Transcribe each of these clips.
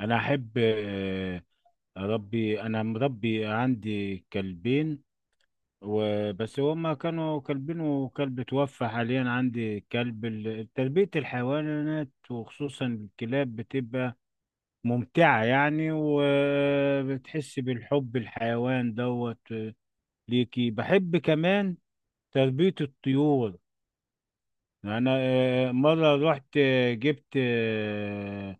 انا احب اربي، انا مربي عندي كلبين وبس. هما كانوا كلبين وكلب توفى، حاليا عندي كلب. تربية الحيوانات وخصوصا الكلاب بتبقى ممتعة يعني، وبتحس بالحب الحيوان دوت ليكي. بحب كمان تربية الطيور. انا مرة رحت جبت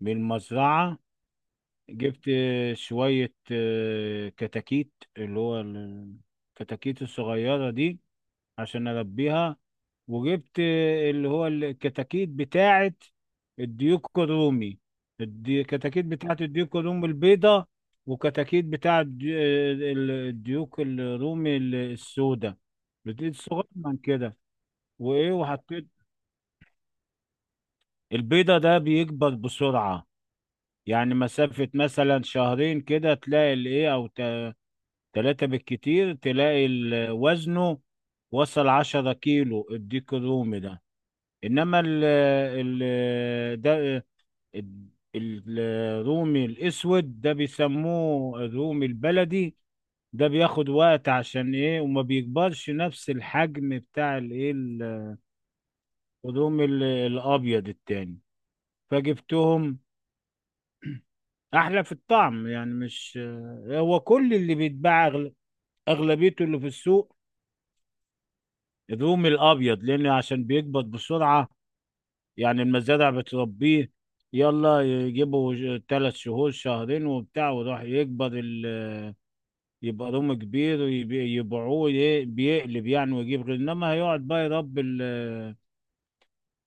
من المزرعة، جبت شوية كتاكيت، اللي هو الكتاكيت الصغيرة دي عشان أربيها. وجبت اللي هو الكتاكيت بتاعة الديك الرومي، كتاكيت بتاعة الديك الرومي البيضة، وكتاكيت بتاعة الديوك الرومي السوداء. بتزيد صغير من كده، وإيه وحطيت البيضة ده بيكبر بسرعة. يعني مسافة مثلا شهرين كده تلاقي الإيه، أو 3 بالكتير، تلاقي وزنه وصل 10 كيلو الديك الرومي ده. إنما ال ده ال- الرومي الأسود ده بيسموه الرومي البلدي. ده بياخد وقت عشان إيه، وما بيكبرش نفس الحجم بتاع الإيه الرومي الأبيض التاني. فجبتهم. أحلى في الطعم يعني، مش هو كل اللي بيتباع أغلبيته اللي في السوق الرومي الابيض، لان عشان بيكبر بسرعه. يعني المزارع بتربيه، يلا يجيبوا 3 شهور شهرين وبتاع وراح يكبر. يبقى رومي كبير ويبي- يبيعوه بيقلب يعني ويجيب غير. انما هيقعد بقى يربي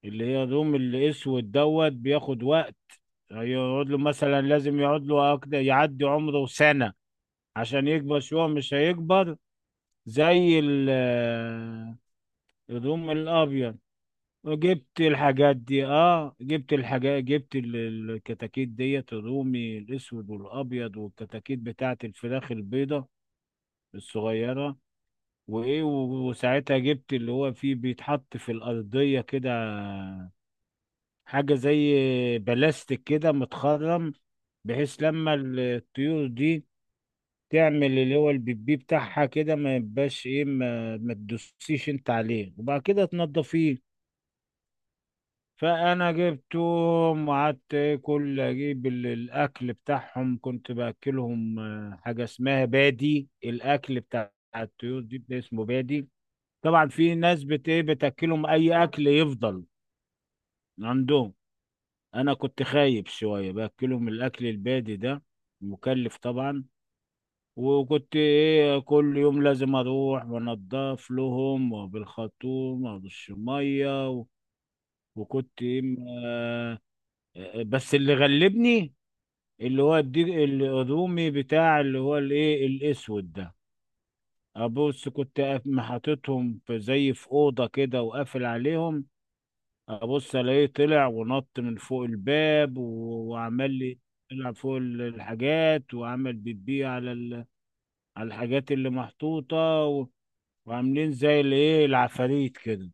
اللي هي الرومي الاسود دوت، بياخد وقت. هيقعد له مثلا، لازم يقعد له أكتر، يعدي عمره سنه عشان يكبر شويه، مش هيكبر زي الرومي الابيض. جبت الحاجات دي، اه جبت الحاجات، جبت الكتاكيت ديت الرومي الاسود والابيض، والكتاكيت بتاعت الفراخ البيضة الصغيرة. وايه وساعتها جبت اللي هو فيه بيتحط في الارضية كده، حاجة زي بلاستيك كده متخرم، بحيث لما الطيور دي تعمل اللي هو البيبي بتاعها كده، ما يبقاش ايه، ما تدوسيش انت عليه، وبعد كده تنضفيه. فانا جبتهم وقعدت كل اجيب الاكل بتاعهم، كنت باكلهم حاجه اسمها بادي، الاكل بتاع الطيور دي ده اسمه بادي. طبعا في ناس بت ايه بتاكلهم اي اكل يفضل عندهم. انا كنت خايب شويه، باكلهم الاكل البادي ده مكلف طبعا. وكنت ايه، كل يوم لازم اروح وانضف لهم، وبالخرطوم وبالشميه وكنت ايه بس اللي غلبني اللي هو الرومي بتاع اللي هو الايه الاسود ده. ابص، كنت محطتهم في زي في اوضه كده وقافل عليهم. ابص الاقيه طلع ونط من فوق الباب وعمل لي، طلع فوق الحاجات وعمل بيبي على على الحاجات اللي محطوطه و- وعاملين زي الايه العفاريت كده.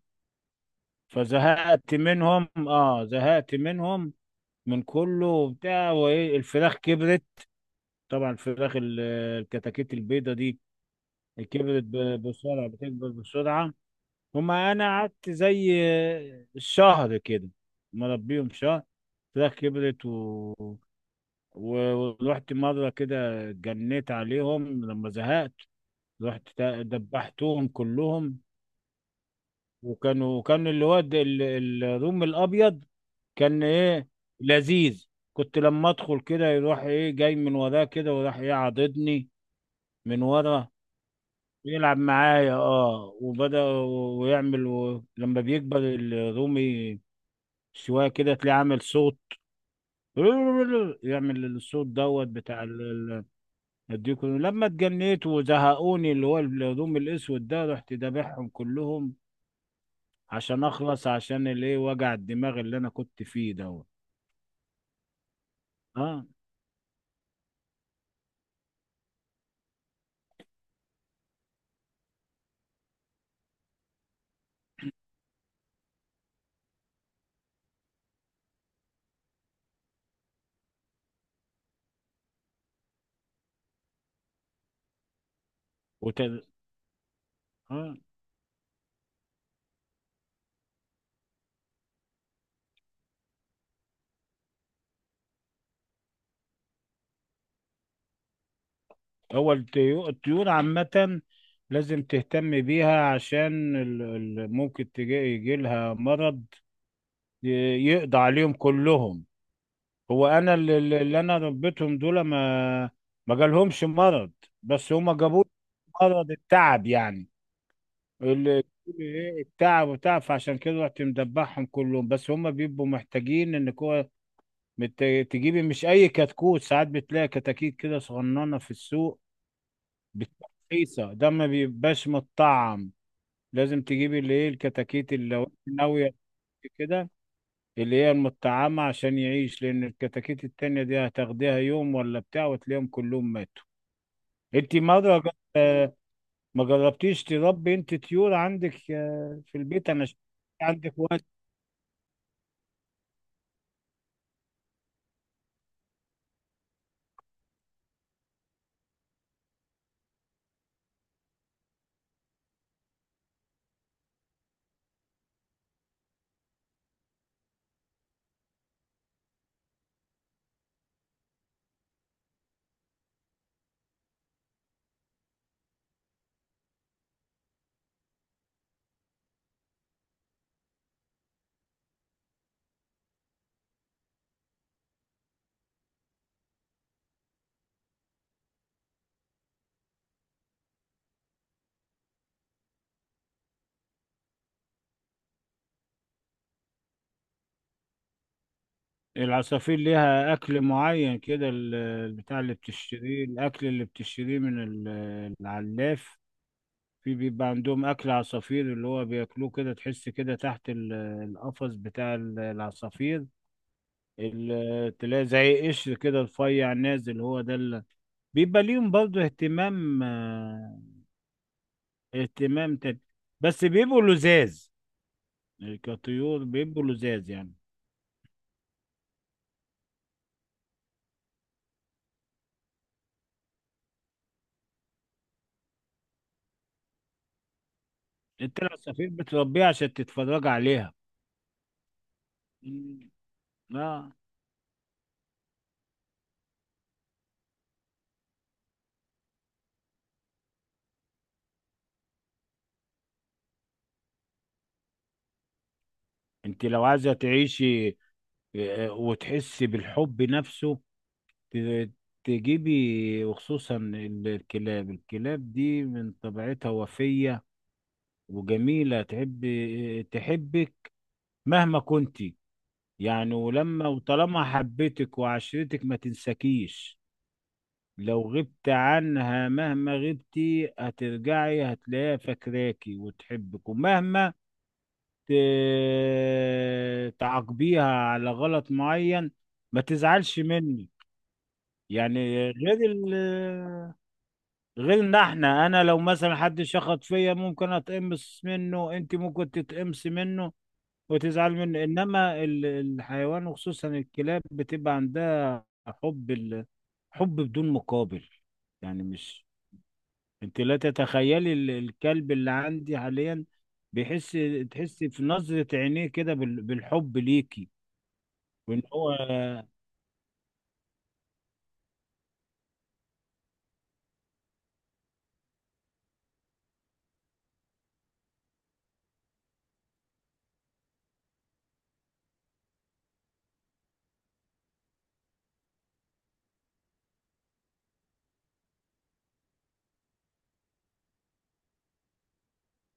فزهقت منهم، اه زهقت منهم من كله وبتاع. وايه الفراخ كبرت، طبعا الفراخ الكتاكيت البيضة دي كبرت بسرعة، بتكبر بسرعة. هما أنا قعدت زي شهر كده مربيهم شهر، فراخ كبرت و... و... ورحت مرة كده، جنيت عليهم لما زهقت، رحت دبحتهم كلهم. وكانوا، كان الواد الروم الأبيض كان إيه لذيذ. كنت لما أدخل كده يروح إيه جاي من وراه كده، وراح إيه عاضدني من ورا، يلعب معايا اه. وبدأ. لما بيكبر الرومي شوية كده تلاقيه عامل صوت، يعمل الصوت دوت بتاع الديكور. لما اتجنيت وزهقوني اللي هو الرومي الاسود ده، رحت دابحهم كلهم عشان اخلص، عشان الايه وجع الدماغ اللي انا كنت فيه دوت. اه. وت... اه. هو الطيور عامة لازم تهتم بيها، عشان ممكن تجي يجي لها مرض يقضى عليهم كلهم. هو انا اللي انا ربيتهم دول، ما جالهمش مرض، بس هما جابوا مرض التعب يعني، اللي ايه التعب وتعب. فعشان كده رحت مدبحهم كلهم. بس هما بيبقوا محتاجين انك هو مت- تجيبي، مش اي كتكوت. ساعات بتلاقي كتاكيت كده صغننه في السوق بتبقى رخيصه، ده ما بيبقاش متطعم. لازم تجيبي اللي ايه الكتاكيت، اللي لو إنت ناويه كده اللي هي المطعمة عشان يعيش، لأن الكتاكيت التانية دي هتاخديها يوم ولا بتاع وتلاقيهم كلهم ماتوا. انت مرة آه، ما جربتيش تربي انت طيور عندك في البيت؟ انا شايف عندك وقت. العصافير ليها اكل معين كده، البتاع اللي بتشتريه، الاكل اللي بتشتريه من العلاف، في بيبقى عندهم اكل عصافير اللي هو بياكلوه كده. تحس كده تحت القفص بتاع العصافير تلاقي زي قشر كده رفيع نازل، هو ده اللي بيبقى ليهم برضه اهتمام، اهتمام تاني. بس بيبقوا لزاز، كطيور بيبقوا لزاز يعني. انت لو سفير بتربيها عشان تتفرج عليها. مم. لا. انت لو عايزة تعيشي وتحسي بالحب نفسه ت- تجيبي، وخصوصا الكلاب. الكلاب دي من طبيعتها وفية وجميلة، تحب تحبك مهما كنت يعني. ولما وطالما حبتك وعشرتك ما تنساكيش. لو غبت عنها مهما غبتي هترجعي هتلاقيها فاكراكي وتحبك، ومهما تعاقبيها على غلط معين، ما تزعلش مني. يعني غير ال غير ان احنا، انا لو مثلا حد شخط فيا ممكن اتقمص منه، انت ممكن تتقمص منه وتزعل منه. انما الحيوان وخصوصا الكلاب بتبقى عندها حب حب بدون مقابل. يعني مش، انت لا تتخيلي الكلب اللي عندي حاليا بيحس، تحسي في نظرة عينيه كده بالحب ليكي وان هو.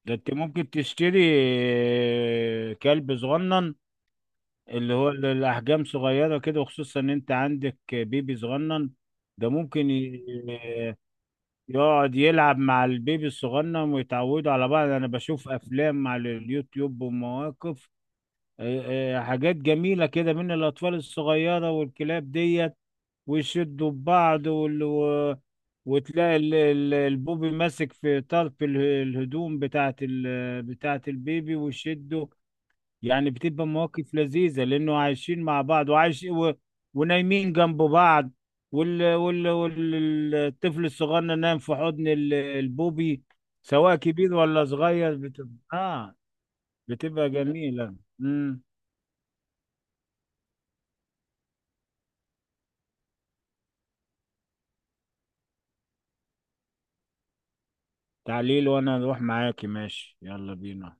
ده انت ممكن تشتري كلب صغنن اللي هو الاحجام صغيرة كده، وخصوصا ان انت عندك بيبي صغنن ده ممكن يقعد يلعب مع البيبي الصغنن ويتعودوا على بعض. انا بشوف افلام على اليوتيوب ومواقف آه، حاجات جميلة كده من الاطفال الصغيرة والكلاب ديت، ويشدوا ببعض وال... و- وتلاقي البوبي ماسك في طرف الهدوم بتاعت البيبي ويشده. يعني بتبقى مواقف لذيذة لأنه عايشين مع بعض، وعايش و... ونايمين جنب بعض، الطفل الصغير نايم في حضن البوبي. سواء كبير ولا صغير بتبقى آه بتبقى جميلة. امم تعليل، وأنا أروح معاكي. ماشي يلا بينا.